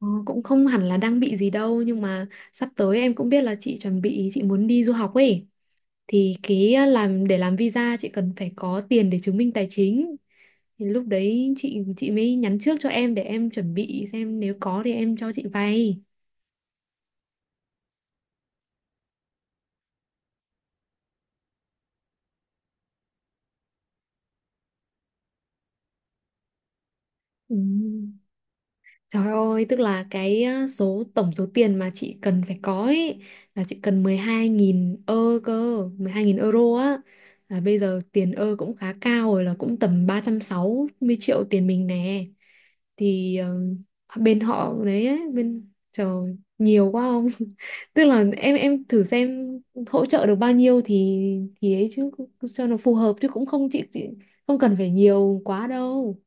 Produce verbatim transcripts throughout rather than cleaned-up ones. Ờ, Cũng không hẳn là đang bị gì đâu nhưng mà sắp tới em cũng biết là chị chuẩn bị chị muốn đi du học ấy, thì cái ờ, làm để làm visa chị cần phải có tiền để chứng minh tài chính. Thì lúc đấy chị chị mới nhắn trước cho em để em chuẩn bị xem nếu có thì em cho chị vay. Ừ. Trời ơi, tức là cái á, số tổng số tiền mà chị cần phải có ấy là chị cần mười hai nghìn ơ cơ, mười hai nghìn euro á. Là bây giờ tiền ơ cũng khá cao rồi, là cũng tầm ba trăm sáu mươi triệu tiền mình nè. Thì ờ, bên họ đấy ấy, bên trời nhiều quá không? Tức là em em thử xem hỗ trợ được bao nhiêu thì thì ấy chứ, cho nó phù hợp chứ cũng không, chị, chị không cần phải nhiều quá đâu.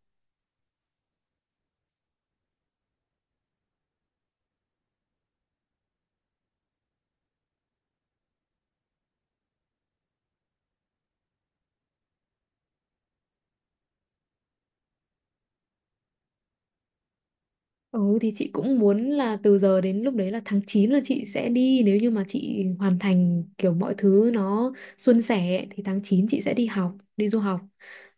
Ừ thì chị cũng muốn là từ giờ đến lúc đấy là tháng chín, là chị sẽ đi nếu như mà chị hoàn thành kiểu mọi thứ nó suôn sẻ, thì tháng chín chị sẽ đi học, đi du học.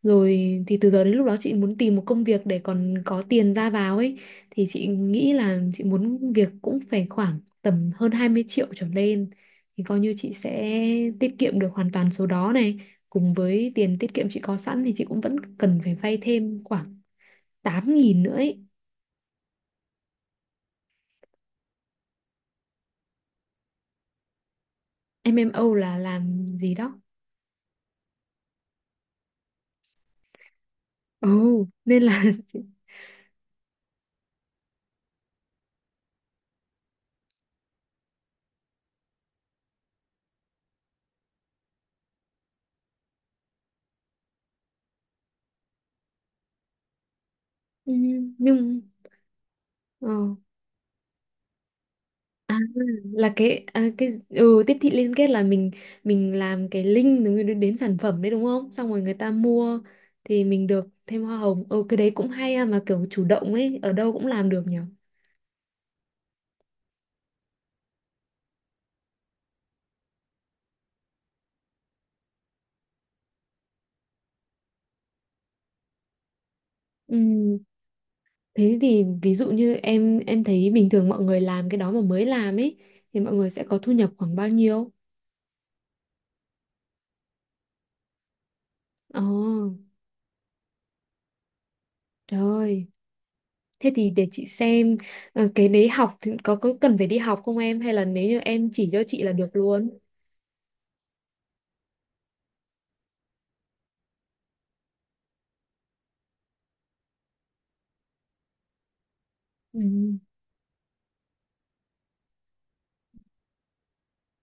Rồi thì từ giờ đến lúc đó chị muốn tìm một công việc để còn có tiền ra vào ấy, thì chị nghĩ là chị muốn việc cũng phải khoảng tầm hơn hai mươi triệu trở lên, thì coi như chị sẽ tiết kiệm được hoàn toàn số đó này. Cùng với tiền tiết kiệm chị có sẵn thì chị cũng vẫn cần phải vay thêm khoảng tám nghìn nữa ấy. em em MMO là làm gì đó? Ồ, nên là. Nhưng ờ à, là cái à, cái ừ, tiếp thị liên kết là mình mình làm cái link đúng đến, đến sản phẩm đấy đúng không, xong rồi người ta mua thì mình được thêm hoa hồng. Ừ, cái đấy cũng hay ha, mà kiểu chủ động ấy, ở đâu cũng làm được nhỉ. Ừ, thế thì ví dụ như em em thấy bình thường mọi người làm cái đó mà mới làm ấy, thì mọi người sẽ có thu nhập khoảng bao nhiêu? Ồ, trời ơi. Thế thì để chị xem, ờ, cái đấy học thì có, có cần phải đi học không em, hay là nếu như em chỉ cho chị là được luôn. Ừ.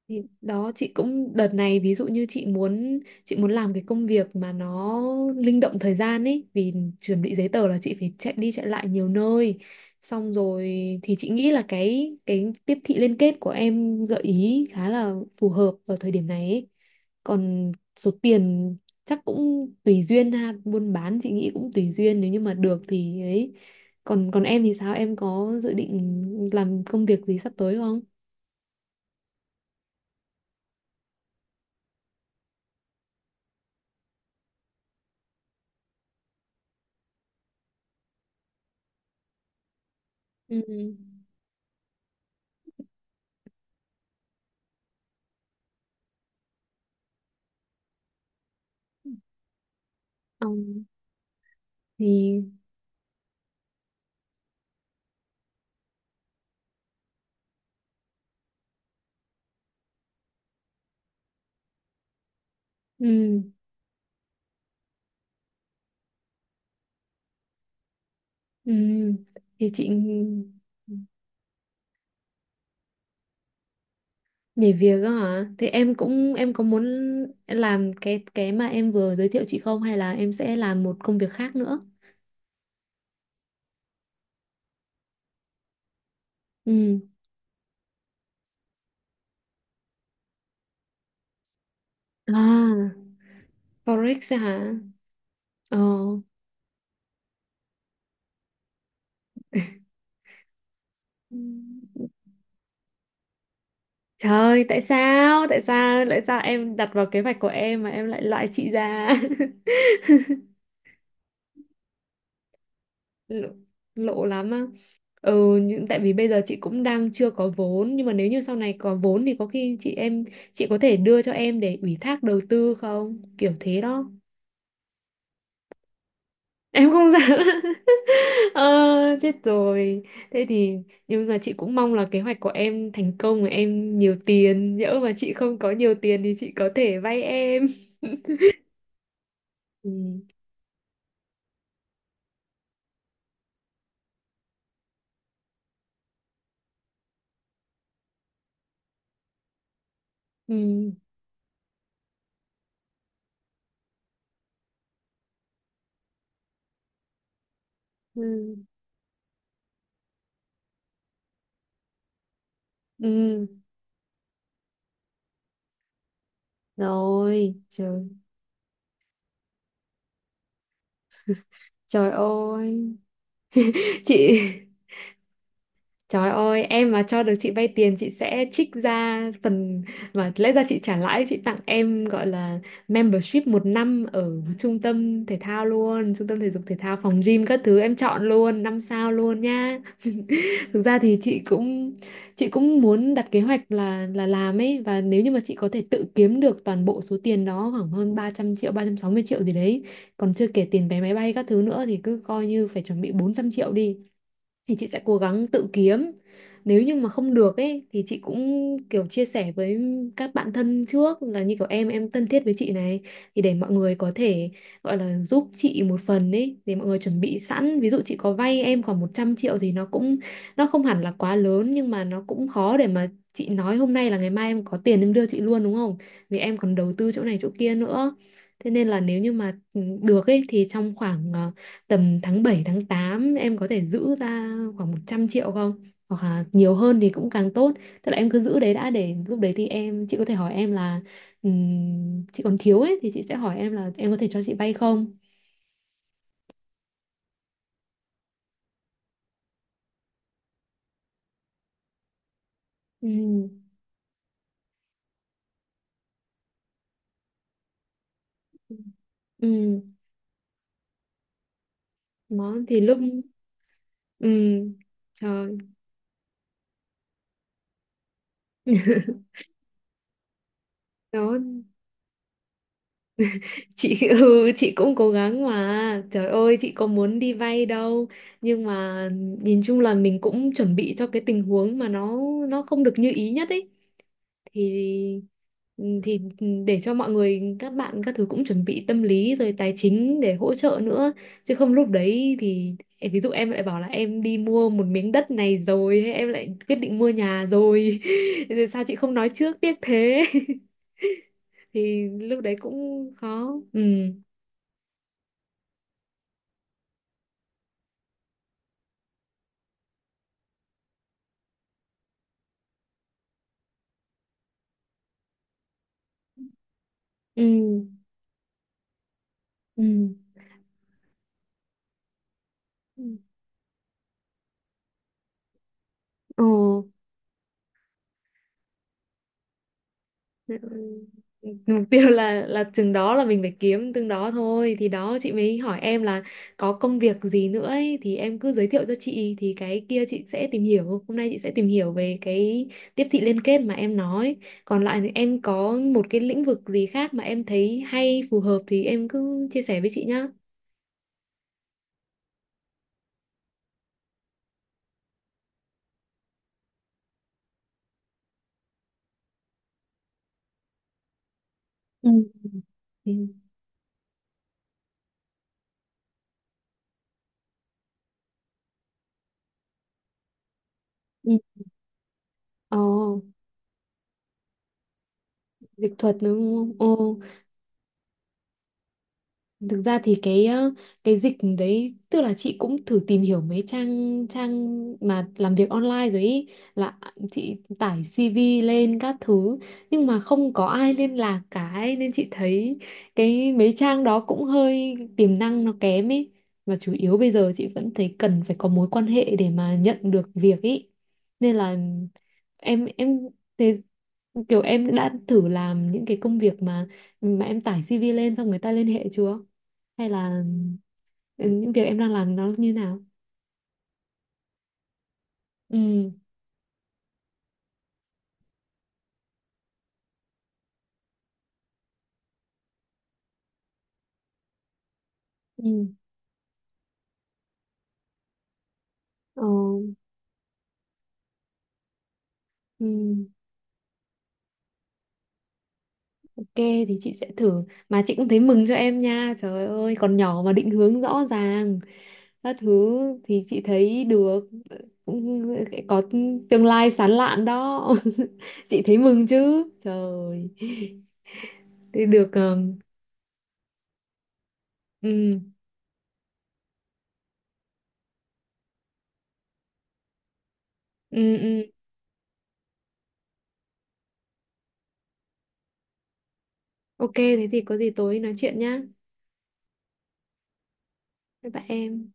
Thì đó, chị cũng đợt này, ví dụ như chị muốn, chị muốn làm cái công việc mà nó linh động thời gian ấy, vì chuẩn bị giấy tờ là chị phải chạy đi chạy lại nhiều nơi, xong rồi thì chị nghĩ là cái cái tiếp thị liên kết của em gợi ý khá là phù hợp ở thời điểm này ấy. Còn số tiền chắc cũng tùy duyên ha, buôn bán chị nghĩ cũng tùy duyên, nếu như mà được thì ấy. Còn còn em thì sao, em có dự định làm công việc gì sắp tới không? Ừ. Thì ừ, ừ, thì chị, nhảy việc á hả? Thì em cũng, em có muốn làm cái cái mà em vừa giới thiệu chị không, hay là em sẽ làm một công việc khác nữa? Ừ. À, forex á hả? Ờ. Ừ. Trời ơi, tại sao? Tại sao? Tại sao em đặt vào kế hoạch của em mà em lại loại chị ra? Lộ, lộ lắm á. Ừ, nhưng tại vì bây giờ chị cũng đang chưa có vốn, nhưng mà nếu như sau này có vốn thì có khi chị, em, chị có thể đưa cho em để ủy thác đầu tư không, kiểu thế đó. Em không dám. ờ, Chết rồi. Thế thì, nhưng mà chị cũng mong là kế hoạch của em thành công và em nhiều tiền, nhỡ mà chị không có nhiều tiền thì chị có thể vay em. Ừ. Ừ. Ừ. Ừ. Rồi, trời. Trời ơi. Chị. Trời ơi, em mà cho được chị vay tiền, chị sẽ trích ra phần mà lẽ ra chị trả lãi, chị tặng em, gọi là membership một năm ở trung tâm thể thao luôn, trung tâm thể dục thể thao, phòng gym, các thứ em chọn luôn, năm sao luôn nha. Thực ra thì chị cũng, chị cũng muốn đặt kế hoạch là là làm ấy, và nếu như mà chị có thể tự kiếm được toàn bộ số tiền đó, khoảng hơn ba trăm triệu, ba trăm sáu mươi triệu gì đấy, còn chưa kể tiền vé máy bay các thứ nữa, thì cứ coi như phải chuẩn bị bốn trăm triệu đi, thì chị sẽ cố gắng tự kiếm. Nếu như mà không được ấy thì chị cũng kiểu chia sẻ với các bạn thân trước, là như kiểu em em thân thiết với chị này, thì để mọi người có thể, gọi là giúp chị một phần ấy, để mọi người chuẩn bị sẵn. Ví dụ chị có vay em khoảng một trăm triệu thì nó cũng, nó không hẳn là quá lớn, nhưng mà nó cũng khó để mà chị nói hôm nay là ngày mai em có tiền em đưa chị luôn đúng không, vì em còn đầu tư chỗ này chỗ kia nữa. Thế nên là nếu như mà ừ, được ấy, thì trong khoảng ờ, tầm tháng bảy, tháng tám, em có thể giữ ra khoảng một trăm triệu không? Hoặc là nhiều hơn thì cũng càng tốt. Tức là em cứ giữ đấy đã, để lúc đấy thì em, chị có thể hỏi em là, ừm, chị còn thiếu ấy, thì chị sẽ hỏi em là em có thể cho chị vay không? Ừ. Ừ. Đó thì lúc, ừ. Trời. Đó. Chị. Ừ, chị cũng cố gắng mà. Trời ơi, chị có muốn đi vay đâu. Nhưng mà nhìn chung là mình cũng chuẩn bị cho cái tình huống mà nó nó không được như ý nhất ấy. Thì ừ, thì ừ, để cho mọi người, các bạn, các thứ cũng chuẩn bị tâm lý rồi tài chính để hỗ trợ nữa, chứ không lúc đấy thì em- ví dụ em lại bảo là em đi mua một miếng đất này rồi, hay em lại quyết định mua nhà rồi. Rồi sao chị không nói trước, tiếc thế. Thì lúc đấy cũng khó. Ừ. Ừ. Ừ. Ừ. Ồ. Ừ. Mục tiêu là là chừng đó, là mình phải kiếm từng đó thôi, thì đó chị mới hỏi em là có công việc gì nữa ấy, thì em cứ giới thiệu cho chị. Thì cái kia chị sẽ tìm hiểu, hôm nay chị sẽ tìm hiểu về cái tiếp thị liên kết mà em nói. Còn lại thì em có một cái lĩnh vực gì khác mà em thấy hay, phù hợp thì em cứ chia sẻ với chị nhá. Ừ. Ừ. Ừ. Ồ, dịch thuật đúng không? Ồ. Thực ra thì cái ờ, cái dịch đấy, tức là chị cũng thử tìm hiểu mấy trang trang mà làm việc online rồi ý, là chị tải xê vê lên các thứ, nhưng mà không có ai liên lạc cả ấy, nên chị thấy cái mấy trang đó cũng hơi, tiềm năng nó kém ấy. Và chủ yếu bây giờ chị vẫn thấy cần phải có mối quan hệ để mà nhận được việc ý, nên là em em, thế kiểu em đã thử làm những cái công việc mà mà em tải xi vi lên xong người ta liên hệ chưa, hay là ừ, những việc em đang làm nó như nào? Ừ. Ừ. Ờ. Ừ. Ok, thì chị sẽ thử. Mà chị cũng thấy mừng cho em nha, trời ơi, còn nhỏ mà định hướng rõ ràng các thứ, thì chị thấy được, cũng có tương lai sáng lạn đó. Chị thấy mừng chứ trời. Thì được. Ờ, ừ, ừ, ừ. Ok, thế thì có gì tối nói chuyện nhá. Bye bye em.